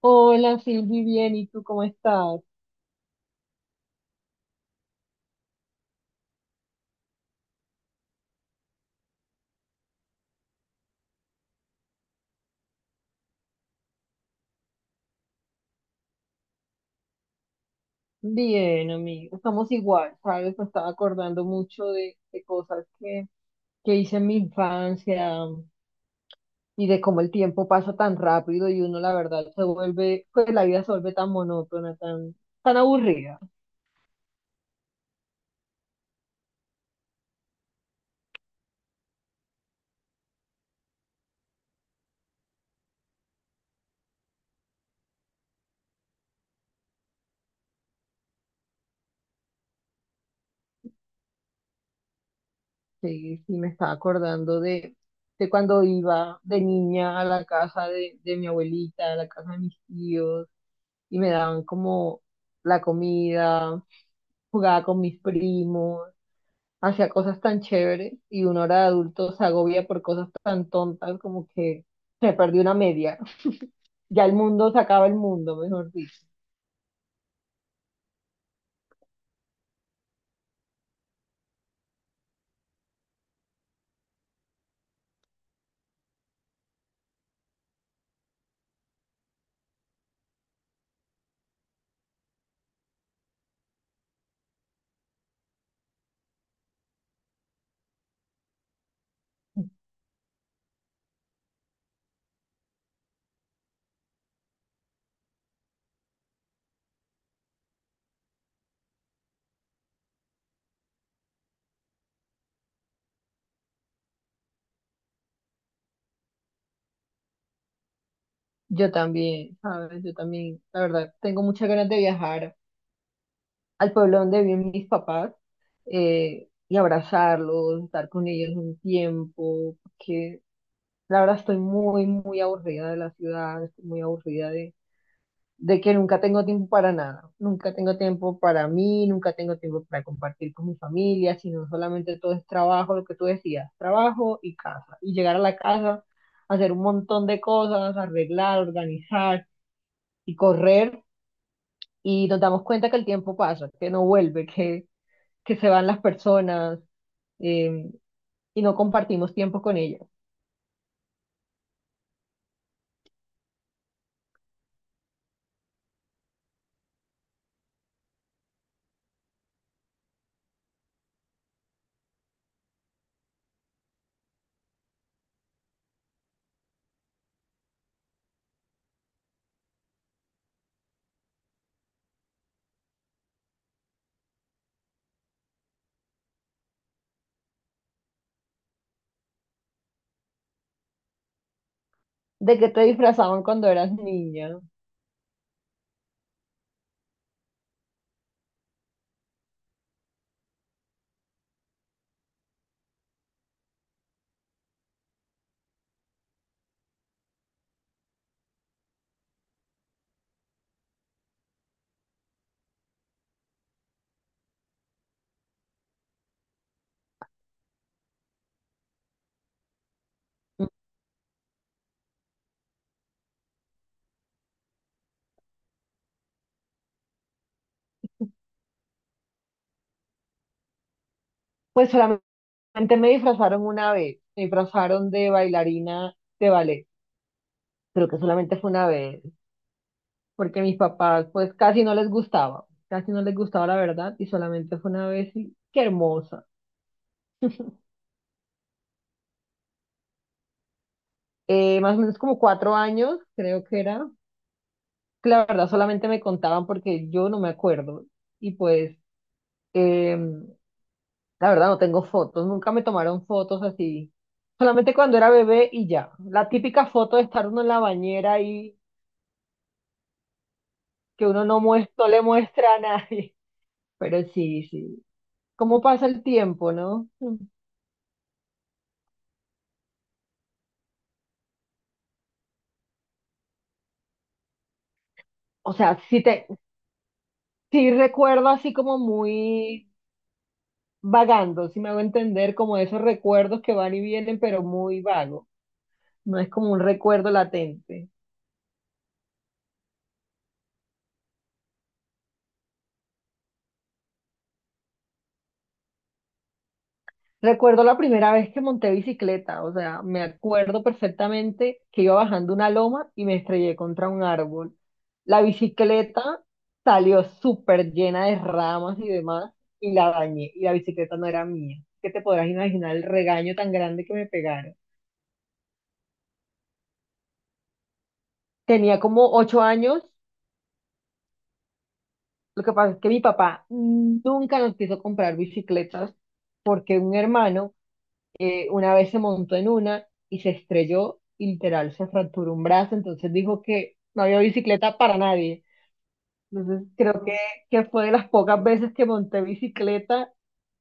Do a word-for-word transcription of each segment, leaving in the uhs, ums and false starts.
Hola, Silvi, bien, ¿y tú cómo estás? Bien, amigo, estamos igual, ¿sabes? Me estaba acordando mucho de, de cosas que, que hice en mi infancia um, y de cómo el tiempo pasa tan rápido y uno, la verdad, se vuelve, pues la vida se vuelve tan monótona, tan, tan aburrida. Sí, sí, me estaba acordando de, de cuando iba de niña a la casa de, de mi abuelita, a la casa de mis tíos y me daban como la comida, jugaba con mis primos, hacia cosas tan chéveres y uno ahora de adulto se agobia por cosas tan tontas como que se perdió una media. Ya el mundo se acaba el mundo, mejor dicho. Yo también, ¿sabes? Yo también, la verdad, tengo muchas ganas de viajar al pueblo donde viven mis papás, eh, y abrazarlos, estar con ellos un tiempo, porque la verdad estoy muy, muy aburrida de la ciudad, estoy muy aburrida de de que nunca tengo tiempo para nada, nunca tengo tiempo para mí, nunca tengo tiempo para compartir con mi familia, sino solamente todo es trabajo, lo que tú decías, trabajo y casa. Y llegar a la casa, hacer un montón de cosas, arreglar, organizar y correr, y nos damos cuenta que el tiempo pasa, que no vuelve, que, que se van las personas eh, y no compartimos tiempo con ellas. ¿De qué te disfrazaban cuando eras niña? Pues solamente antes me disfrazaron una vez, me disfrazaron de bailarina de ballet, creo que solamente fue una vez, porque a mis papás pues casi no les gustaba, casi no les gustaba la verdad y solamente fue una vez y qué hermosa. Eh, más o menos como cuatro años, creo que era, que la verdad solamente me contaban porque yo no me acuerdo y pues eh, la verdad no tengo fotos, nunca me tomaron fotos así, solamente cuando era bebé y ya, la típica foto de estar uno en la bañera que uno no, mues- no le muestra a nadie. Pero sí, sí. ¿Cómo pasa el tiempo, no? Mm. O sea, sí, te, sí recuerdo así como muy vagando, si me hago entender, como esos recuerdos que van y vienen, pero muy vago. No es como un recuerdo latente. Recuerdo la primera vez que monté bicicleta, o sea, me acuerdo perfectamente que iba bajando una loma y me estrellé contra un árbol. La bicicleta salió súper llena de ramas y demás y la dañé y la bicicleta no era mía. ¿Qué te podrás imaginar el regaño tan grande que me pegaron? Tenía como ocho años, lo que pasa es que mi papá nunca nos quiso comprar bicicletas porque un hermano, eh, una vez se montó en una y se estrelló y literal se fracturó un brazo, entonces dijo que no había bicicleta para nadie. Entonces creo que, que fue de las pocas veces que monté bicicleta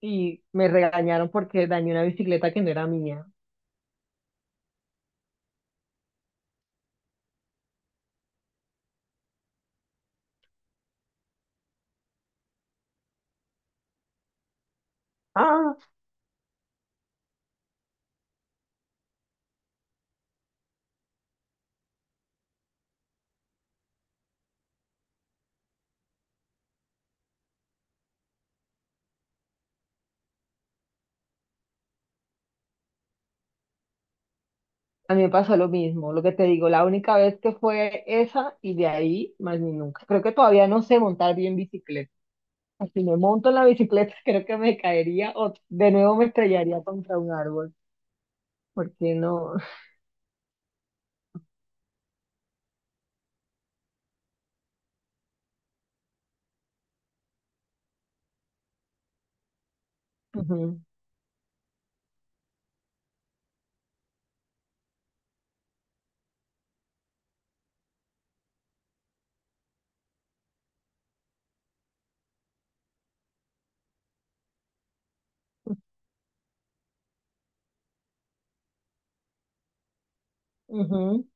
y me regañaron porque dañé una bicicleta que no era mía. Ah, a mí me pasó lo mismo, lo que te digo, la única vez que fue esa y de ahí más ni nunca. Creo que todavía no sé montar bien bicicleta. Si me monto en la bicicleta, creo que me caería o de nuevo me estrellaría contra un árbol, porque no, Ujú, ujú,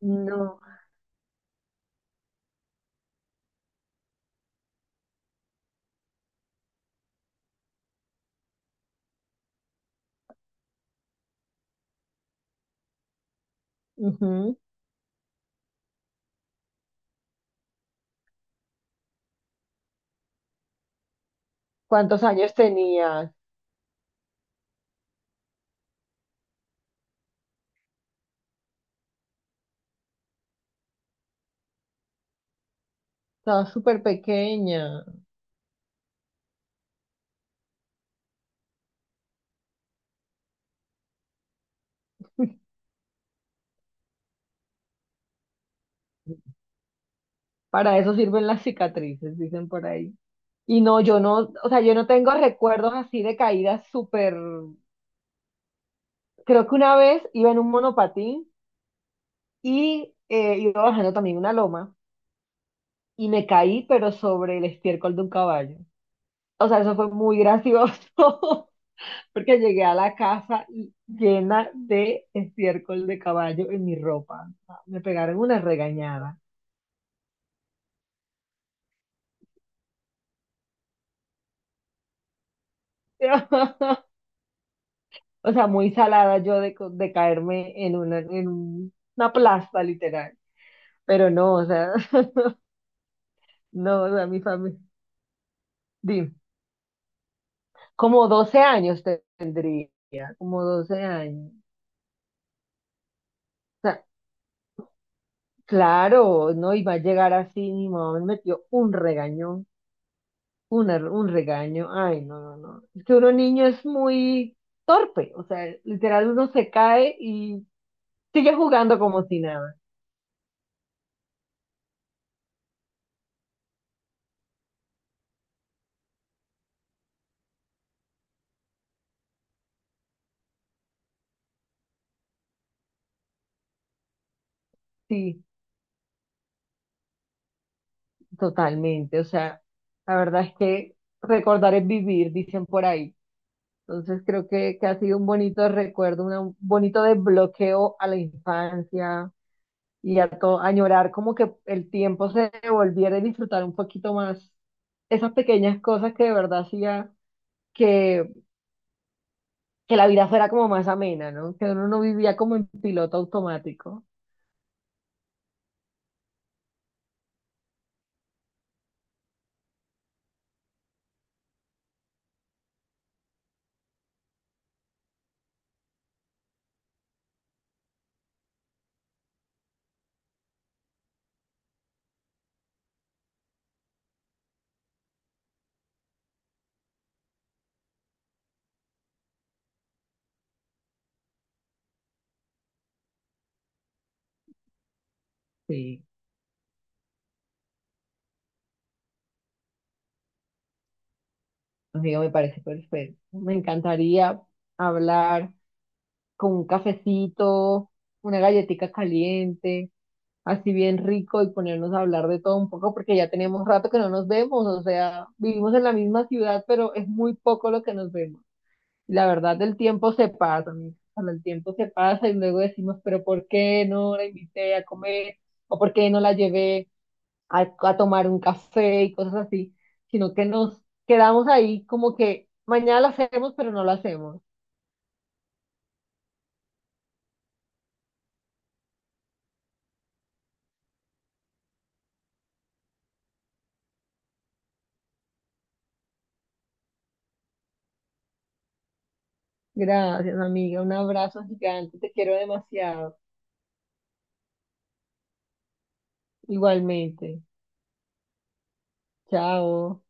no, ujú. ¿Cuántos años tenías? Estaba súper pequeña. Para eso sirven las cicatrices, dicen por ahí. Y no, yo no, o sea, yo no tengo recuerdos así de caídas súper. Creo que una vez iba en un monopatín y eh, iba bajando también una loma y me caí, pero sobre el estiércol de un caballo. O sea, eso fue muy gracioso. Porque llegué a la casa y- llena de estiércol de caballo en mi ropa. O sea, me pegaron una regañada. O sea, muy salada yo de, co- de caerme en una, en un- una plasta, literal. Pero no, o sea, no, o sea, mi familia. Dime, como doce años te- tendría, como doce años. O sea, claro, no iba a llegar así, mi mamá me metió un regañón. Una- un regaño, ay, no, no, no. Es que uno niño es muy torpe, o sea, literal uno se cae y sigue jugando como si nada. Sí, totalmente, o sea, la verdad es que recordar es vivir, dicen por ahí. Entonces creo que, que ha sido un bonito recuerdo, una- un bonito desbloqueo a la infancia y a todo, añorar como que el tiempo se volviera a disfrutar un poquito más esas pequeñas cosas que de verdad hacía que que la vida fuera como más amena, ¿no? Que uno no vivía como en piloto automático. Sí, amigo, me parece perfecto. Me encantaría hablar con un cafecito, una galletita caliente, así bien rico y ponernos a hablar de todo un poco porque ya tenemos rato que no nos vemos, o sea, vivimos en la misma ciudad, pero es muy poco lo que nos vemos. Y la verdad, el tiempo se pasa, amigo. O sea, el tiempo se pasa y luego decimos, pero ¿por qué no la invité a comer? ¿O por qué no la llevé a, a tomar un café y cosas así, sino que nos quedamos ahí como que mañana lo hacemos, pero no lo hacemos? Gracias, amiga. Un abrazo gigante. Te quiero demasiado. Igualmente. Chao.